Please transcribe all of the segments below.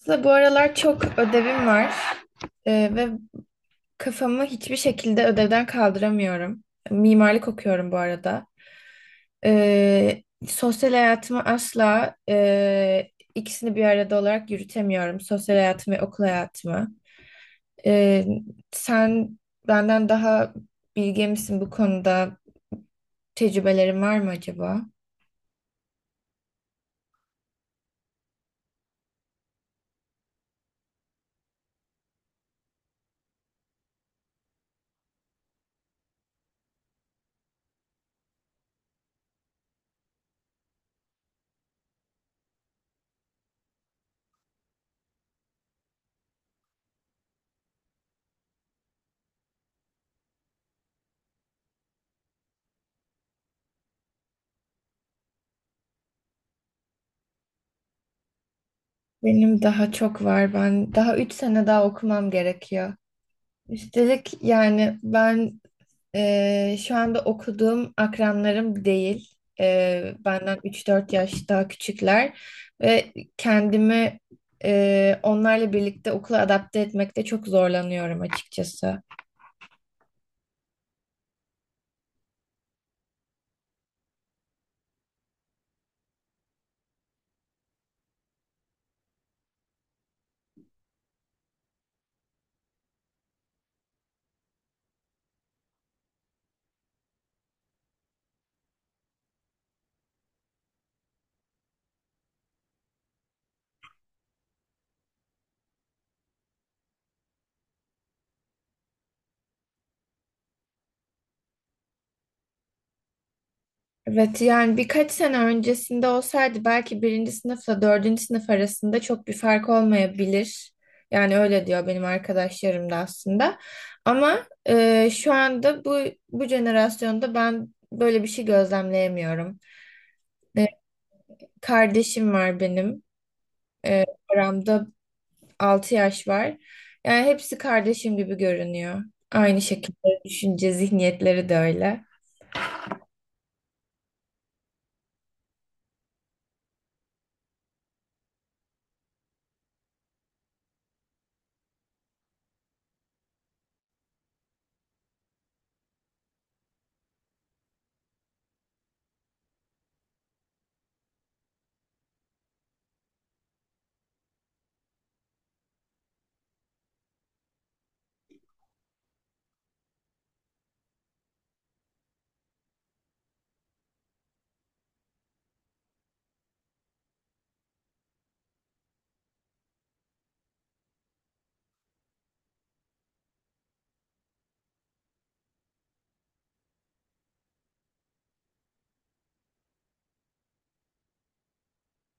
Aslında bu aralar çok ödevim var. Ve kafamı hiçbir şekilde ödevden kaldıramıyorum. Mimarlık okuyorum bu arada. Ee, sosyal hayatımı asla ikisini bir arada olarak yürütemiyorum. Sosyal hayatımı ve okul hayatımı. Ee, sen benden daha bilge misin bu konuda? Tecrübelerin var mı acaba? Benim daha çok var. Ben daha 3 sene daha okumam gerekiyor. Üstelik yani ben şu anda okuduğum akranlarım değil. Benden 3 4 yaş daha küçükler ve kendimi onlarla birlikte okula adapte etmekte çok zorlanıyorum açıkçası. Evet, yani birkaç sene öncesinde olsaydı belki birinci sınıfla dördüncü sınıf arasında çok bir fark olmayabilir. Yani öyle diyor benim arkadaşlarım da aslında. Ama şu anda bu jenerasyonda ben böyle bir şey gözlemleyemiyorum. E, kardeşim var benim. E, aramda 6 yaş var. Yani hepsi kardeşim gibi görünüyor. Aynı şekilde düşünce zihniyetleri de öyle.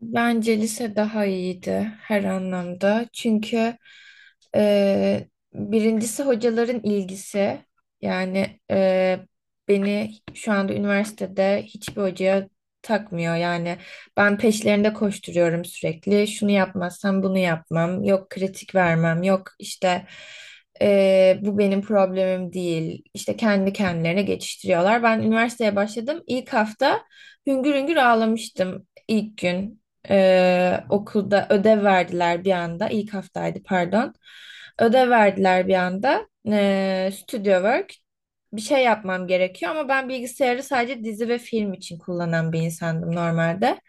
Bence lise daha iyiydi her anlamda. Çünkü e, birincisi hocaların ilgisi. Yani beni şu anda üniversitede hiçbir hocaya takmıyor. Yani ben peşlerinde koşturuyorum sürekli. Şunu yapmazsam bunu yapmam. Yok kritik vermem. Yok işte, bu benim problemim değil. İşte kendi kendilerine geçiştiriyorlar. Ben üniversiteye başladım. İlk hafta hüngür hüngür ağlamıştım ilk gün. Okulda ödev verdiler bir anda. İlk haftaydı, pardon. Ödev verdiler bir anda. Studio work. Bir şey yapmam gerekiyor ama ben bilgisayarı sadece dizi ve film için kullanan bir insandım normalde.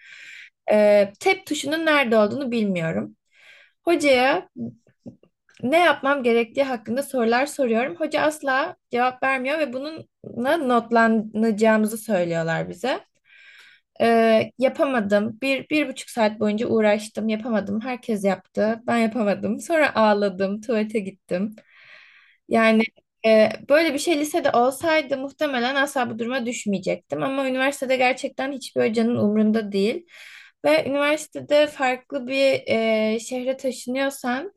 Tab tuşunun nerede olduğunu bilmiyorum. Hocaya ne yapmam gerektiği hakkında sorular soruyorum. Hoca asla cevap vermiyor ve bununla notlanacağımızı söylüyorlar bize. Yapamadım. Bir, bir buçuk saat boyunca uğraştım. Yapamadım. Herkes yaptı. Ben yapamadım. Sonra ağladım. Tuvalete gittim. Yani böyle bir şey lisede olsaydı muhtemelen asla bu duruma düşmeyecektim. Ama üniversitede gerçekten hiçbir hocanın umrunda değil. Ve üniversitede farklı bir şehre taşınıyorsan,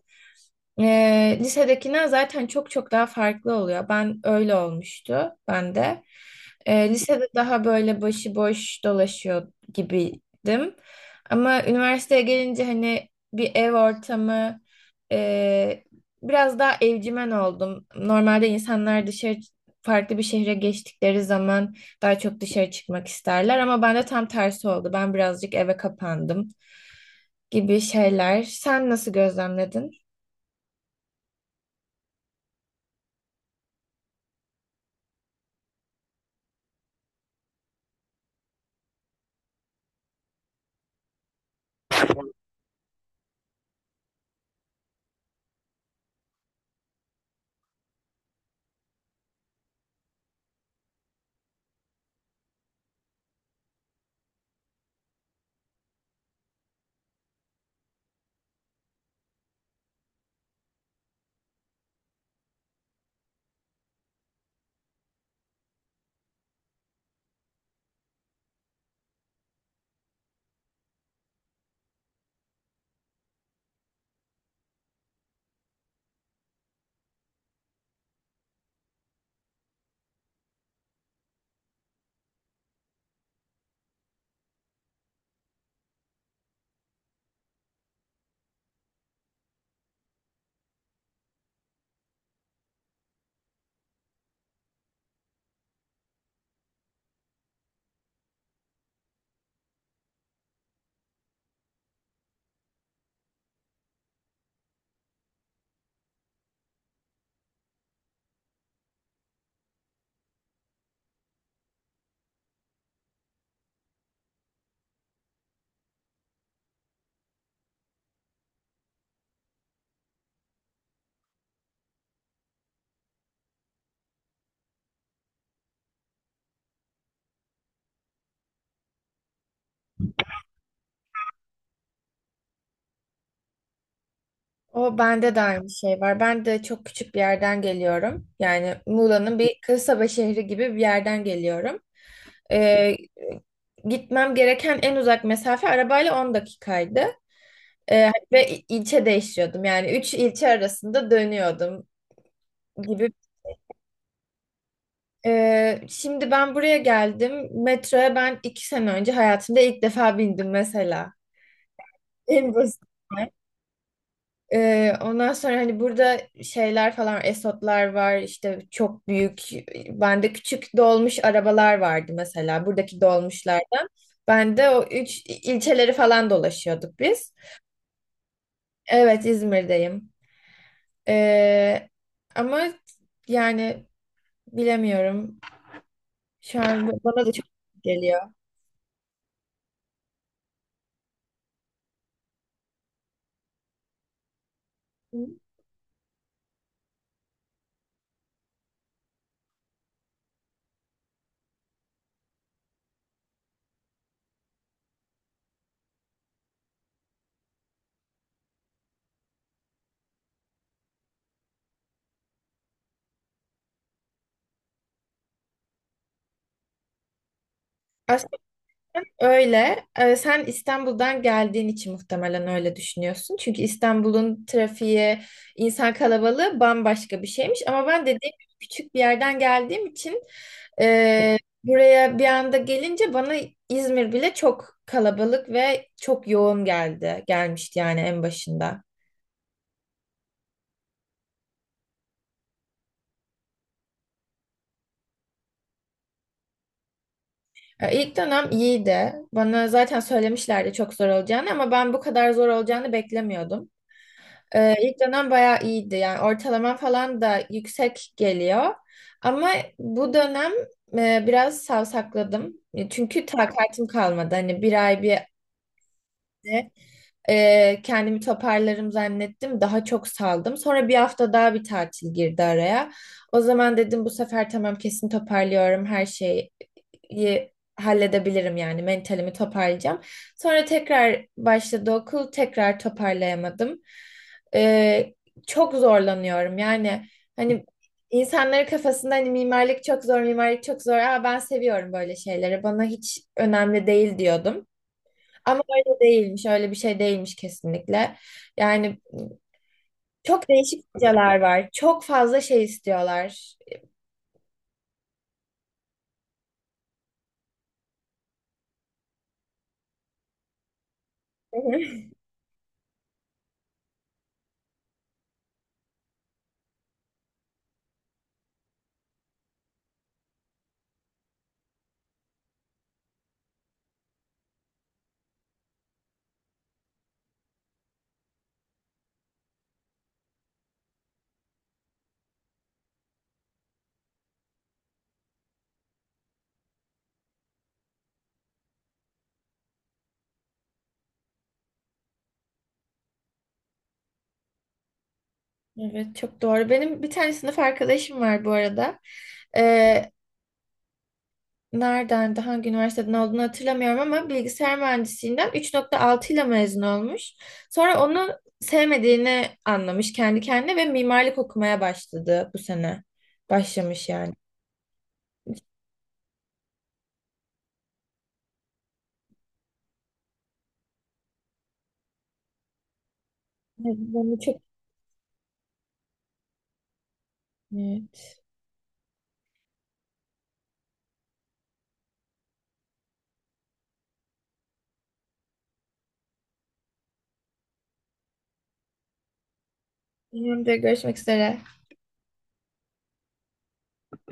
lisedekinden zaten çok çok daha farklı oluyor. Ben öyle olmuştu ben de. Lisede daha böyle başıboş dolaşıyor gibiydim. Ama üniversiteye gelince hani bir ev ortamı, e, biraz daha evcimen oldum. Normalde insanlar dışarı farklı bir şehre geçtikleri zaman daha çok dışarı çıkmak isterler ama bende tam tersi oldu. Ben birazcık eve kapandım gibi şeyler. Sen nasıl gözlemledin? O bende de aynı şey var. Ben de çok küçük bir yerden geliyorum. Yani Muğla'nın bir kasaba şehri gibi bir yerden geliyorum. Ee, gitmem gereken en uzak mesafe arabayla 10 dakikaydı. Ve ilçe değişiyordum. Yani 3 ilçe arasında dönüyordum gibi. Şimdi ben buraya geldim. Metroya ben 2 sene önce hayatımda ilk defa bindim mesela. En basit. Ondan sonra hani burada şeyler falan Esotlar var işte çok büyük, bende küçük dolmuş arabalar vardı mesela buradaki dolmuşlardan. Ben de o üç ilçeleri falan dolaşıyorduk biz. Evet, İzmir'deyim. Ee, ama yani bilemiyorum. Şu an bana da çok geliyor. Öyle. Sen İstanbul'dan geldiğin için muhtemelen öyle düşünüyorsun. Çünkü İstanbul'un trafiği, insan kalabalığı bambaşka bir şeymiş. Ama ben dediğim gibi küçük bir yerden geldiğim için e, buraya bir anda gelince bana İzmir bile çok kalabalık ve çok yoğun geldi. Gelmişti yani en başında. İlk dönem iyiydi. Bana zaten söylemişlerdi çok zor olacağını ama ben bu kadar zor olacağını beklemiyordum. İlk dönem bayağı iyiydi. Yani ortalama falan da yüksek geliyor. Ama bu dönem biraz savsakladım. Çünkü takatim kalmadı. Hani bir ay kendimi toparlarım zannettim. Daha çok saldım. Sonra bir hafta daha bir tatil girdi araya. O zaman dedim bu sefer tamam, kesin toparlıyorum, her şey iyi halledebilirim yani mentalimi toparlayacağım. Sonra tekrar başladı okul, tekrar toparlayamadım. Ee, çok zorlanıyorum yani hani insanların kafasında, hani mimarlık çok zor mimarlık çok zor. Ben seviyorum böyle şeyleri, bana hiç önemli değil diyordum. Ama öyle değilmiş öyle bir şey değilmiş kesinlikle. Yani çok değişik hocalar var, çok fazla şey istiyorlar. Evet, çok doğru. Benim bir tane sınıf arkadaşım var bu arada. Ee, nereden, de hangi üniversiteden olduğunu hatırlamıyorum ama bilgisayar mühendisliğinden 3.6 ile mezun olmuş. Sonra onu sevmediğini anlamış kendi kendine ve mimarlık okumaya başladı bu sene. Başlamış yani. Evet, ben de çok... Evet. Benim de görüşmek üzere.